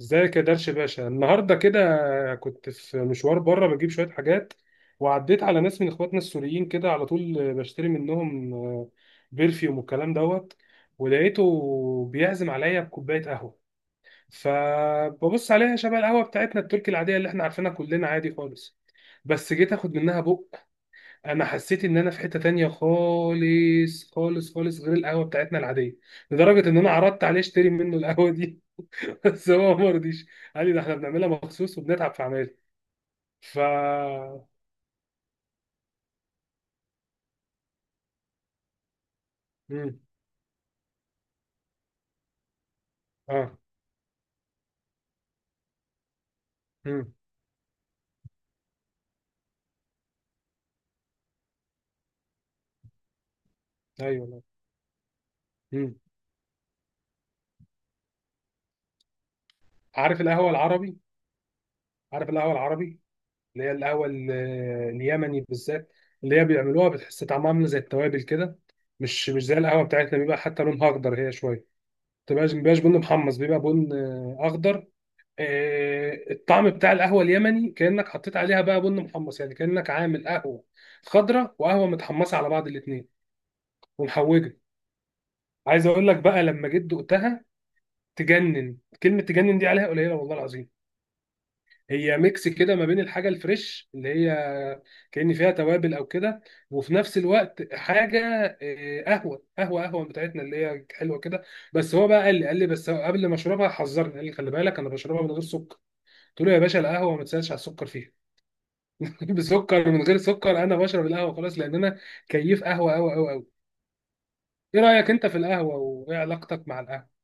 ازيك يا درش باشا النهارده كده، كنت في مشوار بره بجيب شويه حاجات، وعديت على ناس من اخواتنا السوريين كده. على طول بشتري منهم بيرفيوم والكلام دوت. ولقيته بيعزم عليا بكوبايه قهوه، فببص عليها شبه القهوه بتاعتنا التركي العاديه اللي احنا عارفينها كلنا عادي خالص. بس جيت اخد منها بق، حسيت ان انا في حته تانية خالص خالص خالص، غير القهوه بتاعتنا العاديه. لدرجه ان انا عرضت عليه اشتري منه القهوه دي. بس هو ما رضيش، قال لي ده احنا بنعملها مخصوص وبنتعب في عملها. ف مم. اه. مم. ايوه لا. مم. عارف القهوه العربي؟ عارف القهوه العربي اللي هي القهوه اليمني بالذات، اللي هي بيعملوها بتحس طعمها عامل زي التوابل كده. مش زي القهوه بتاعتنا، بيبقى حتى لونها اخضر، هي شويه ما بتبقاش ما بيبقاش بن محمص، بيبقى بن اخضر. الطعم بتاع القهوه اليمني كانك حطيت عليها بقى بن محمص، يعني كانك عامل قهوه خضراء وقهوه متحمصه على بعض الاثنين، ومحوجه. عايز اقول لك بقى لما جيت دقتها تجنن، كلمه تجنن دي عليها قليله والله العظيم. هي ميكس كده ما بين الحاجه الفريش اللي هي كأن فيها توابل او كده، وفي نفس الوقت حاجه قهوه، قهوه قهوه بتاعتنا اللي هي حلوه كده. بس هو بقى قال لي بس هو قبل ما اشربها حذرني، قال لي خلي بالك انا بشربها من غير سكر. قلت له يا باشا القهوه ما تسالش على السكر فيها. بسكر من غير سكر، انا بشرب القهوه خلاص، لان انا كيف قهوه قوي قوي قوي. ايه رايك انت في القهوه، وايه علاقتك مع القهوه؟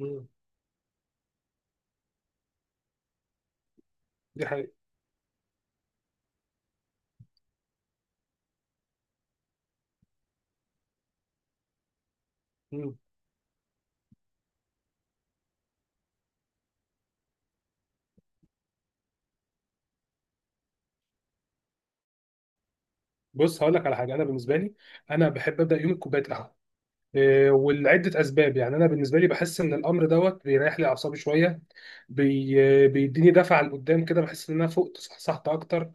مم. دي حقيقة. بص هقول لك على حاجه، انا بالنسبه لي انا بحب ابدا يومي بكوبايه قهوه. ولعده اسباب. يعني انا بالنسبه لي بحس ان الامر دوت بيريح لي اعصابي شويه، بيديني دفعه لقدام كده، بحس ان انا فقت صحصحت اكتر.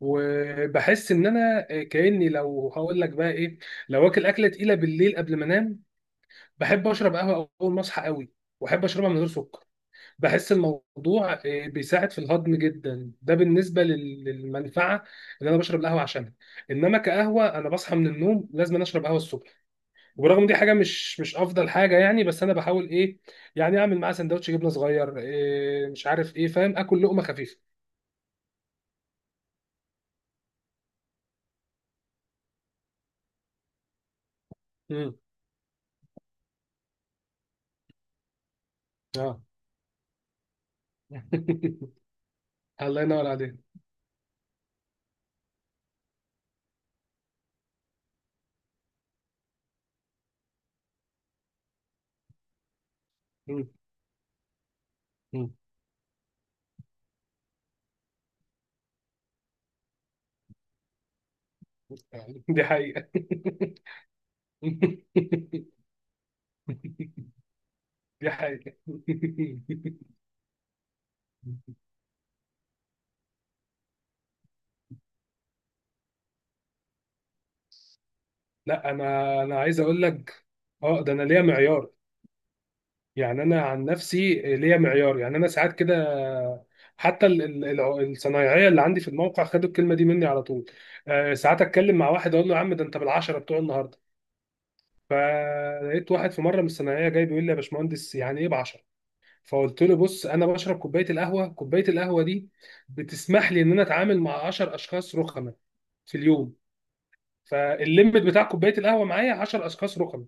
وبحس ان انا كاني، لو هقول لك بقى ايه، لو واكل اكله تقيله بالليل قبل ما انام، بحب اشرب قهوه اول ما اصحى قوي، واحب اشربها من غير سكر. بحس الموضوع بيساعد في الهضم جدا. ده بالنسبه للمنفعه اللي انا بشرب القهوه عشانها. انما كقهوه، انا بصحى من النوم لازم أنا اشرب قهوه الصبح. وبرغم دي حاجه مش افضل حاجه يعني، بس انا بحاول ايه، يعني اعمل معاها سندوتش جبنه صغير، إيه مش عارف ايه، فاهم، اكل لقمه خفيفه. امم. اه. الله ينور عليك. مم. مم. دي حقيقه. دي حقيقه. لا، انا عايز اقول لك، اه ده انا ليا معيار. يعني انا عن نفسي ليا معيار. يعني انا ساعات كده، حتى الصنايعيه اللي عندي في الموقع خدوا الكلمه دي مني على طول. ساعات اتكلم مع واحد اقول له يا عم ده انت بالعشره بتوع النهارده. فلقيت واحد في مره من الصنايعيه جاي بيقول لي يا باشمهندس يعني ايه بعشره. فقلت له بص، انا بشرب كوبايه القهوه، دي بتسمح لي ان انا اتعامل مع 10 اشخاص رخمه في اليوم. فالليمت بتاع كوبايه القهوه معايا 10 اشخاص رخمه.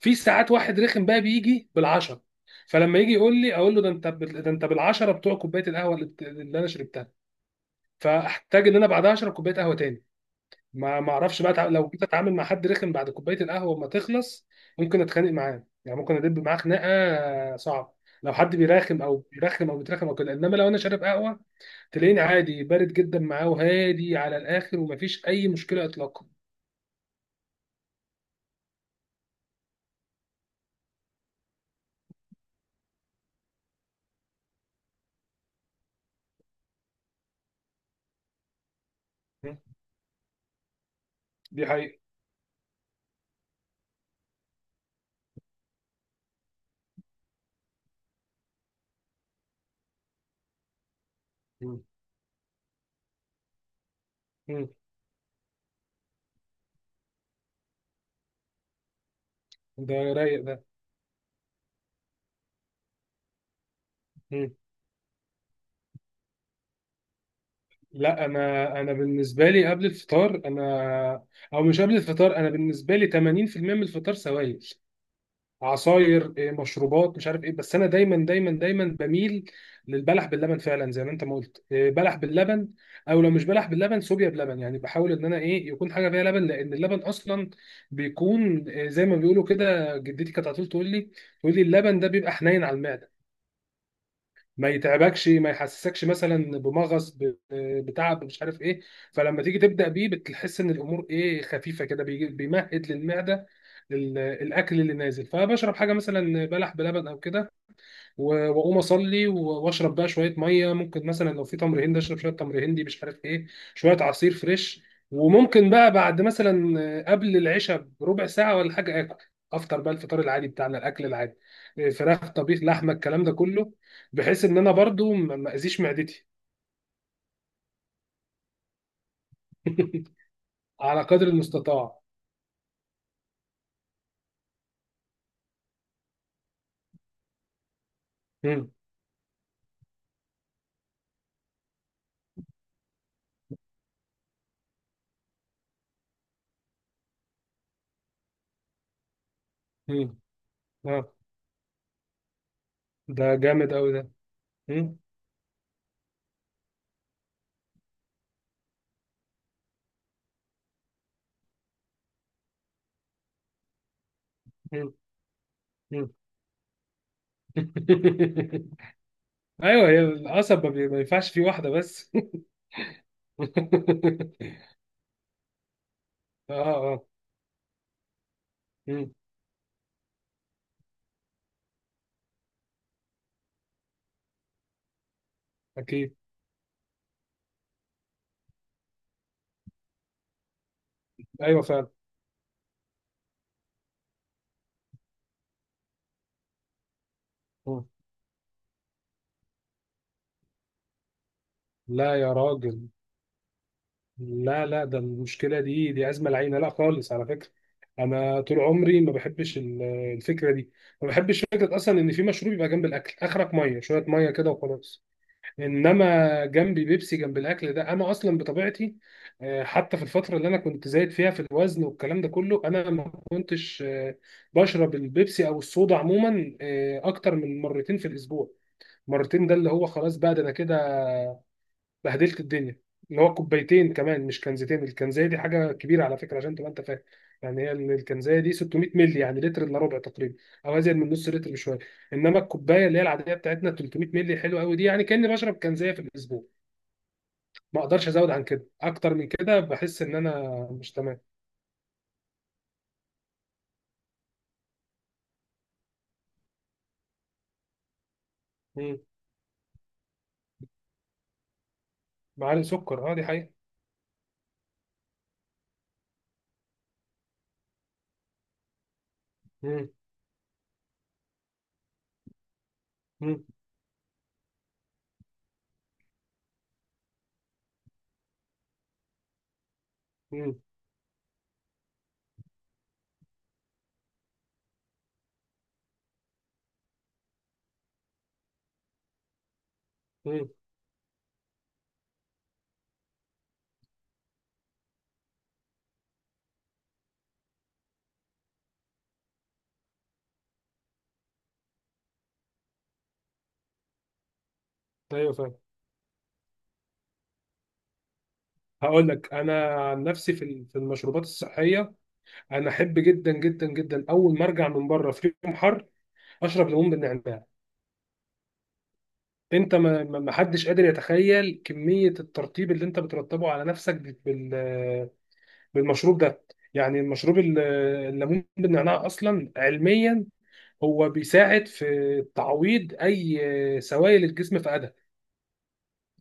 في ساعات واحد رخم بقى بيجي بالعشرة، فلما يجي يقول لي اقول له ده انت ده انت بالعشرة بتوع كوبايه القهوه اللي انا شربتها. فاحتاج ان انا بعدها اشرب كوبايه قهوه تاني. ما ما اعرفش بقى لو جيت اتعامل مع حد رخم بعد كوبايه القهوه ما تخلص، ممكن اتخانق معاه، يعني ممكن ادب معاه خناقه صعبه. لو حد بيراخم او بيرخم او بيترخم او كده. انما لو انا شارب قهوه، تلاقيني عادي بارد جدا معاه، وهادي على الاخر، ومفيش اي مشكله اطلاقا. م. دي حقيقه. مم. مم. ده رايق. ده لا، انا بالنسبه لي قبل الفطار انا، او مش قبل الفطار، انا بالنسبه لي 80% من الفطار سوائل، عصاير، مشروبات، مش عارف ايه. بس انا دايما دايما دايما بميل للبلح باللبن، فعلا زي ما انت ما قلت، بلح باللبن، او لو مش بلح باللبن صوبيا بلبن. يعني بحاول ان انا ايه، يكون حاجه فيها لبن، لان اللبن اصلا بيكون زي ما بيقولوا كده، جدتي كانت على طول تقول لي، اللبن ده بيبقى حنين على المعده، ما يتعبكش، ما يحسسكش مثلا بمغص بتعب، مش عارف ايه. فلما تيجي تبدا بيه بتحس ان الامور ايه خفيفه كده، بيمهد للمعده، للاكل اللي نازل. فبشرب حاجه مثلا بلح بلبن او كده، واقوم اصلي واشرب بقى شويه ميه. ممكن مثلا لو في تمر هندي اشرب شويه تمر هندي، مش عارف ايه، شويه عصير فريش. وممكن بقى بعد مثلا قبل العشاء بربع ساعه ولا حاجه، اكل، افطر بقى الفطار العادي بتاعنا، الاكل العادي، فراخ، طبيخ، لحمه، الكلام ده كله، بحيث ان انا برضو ما ما اذيش معدتي. على قدر المستطاع. مم. مم. آه. ده جامد قوي ده. مم. مم. مم. ايوه، هي القصب ما بي- ما ينفعش فيه واحده بس. اه. اه. مم. اكيد. ايوه فعلا. مم. لا يا راجل. لا لا، ده المشكله دي ازمه العينه، لا خالص على فكره. انا طول عمري ما بحبش الفكره دي. ما بحبش فكره اصلا ان في مشروب يبقى جنب الاكل. اخرك ميه، شويه ميه كده وخلاص. انما جنبي بيبسي جنب الاكل، ده انا اصلا بطبيعتي حتى في الفتره اللي انا كنت زايد فيها في الوزن والكلام ده كله، انا ما كنتش بشرب البيبسي او الصودا عموما اكتر من مرتين في الاسبوع. مرتين ده اللي هو خلاص بقى، ده انا كده بهدلت الدنيا. اللي هو كوبايتين كمان، مش كنزتين. الكنزايه دي حاجه كبيره على فكره، عشان تبقى انت فاهم. يعني هي الكنزايه دي 600 مللي، يعني لتر الا ربع تقريبا، او ازيد من نص لتر بشويه. انما الكوبايه اللي هي العاديه بتاعتنا 300 مللي حلوه قوي دي. يعني كاني بشرب كنزايه في الاسبوع. ما اقدرش ازود عن كده، اكتر من كده بحس ان انا مش تمام. مم. معالق سكر، اه دي حقيقه. مم. مم. مم. مم. ايوه فاهم. هقول لك انا عن نفسي في في المشروبات الصحيه، انا احب جدا جدا جدا اول ما ارجع من بره في يوم حر اشرب ليمون بالنعناع. انت ما حدش قادر يتخيل كميه الترطيب اللي انت بترطبه على نفسك بالمشروب ده. يعني المشروب الليمون بالنعناع اصلا علميا هو بيساعد في تعويض اي سوائل الجسم فقدها،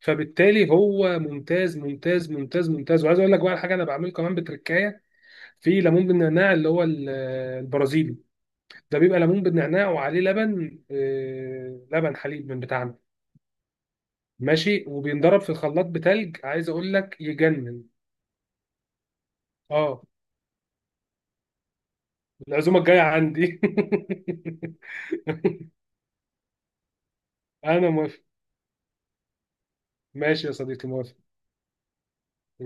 فبالتالي هو ممتاز ممتاز ممتاز ممتاز. وعايز اقول لك بقى على حاجه، انا بعمله كمان بتركايه في ليمون بالنعناع، اللي هو البرازيلي. ده بيبقى ليمون بالنعناع وعليه لبن، لبن حليب من بتاعنا ماشي، وبينضرب في الخلاط بتلج. عايز اقول لك يجنن. اه. العزومه الجايه عندي. انا موافق. ماشي يا صديقي، موافق.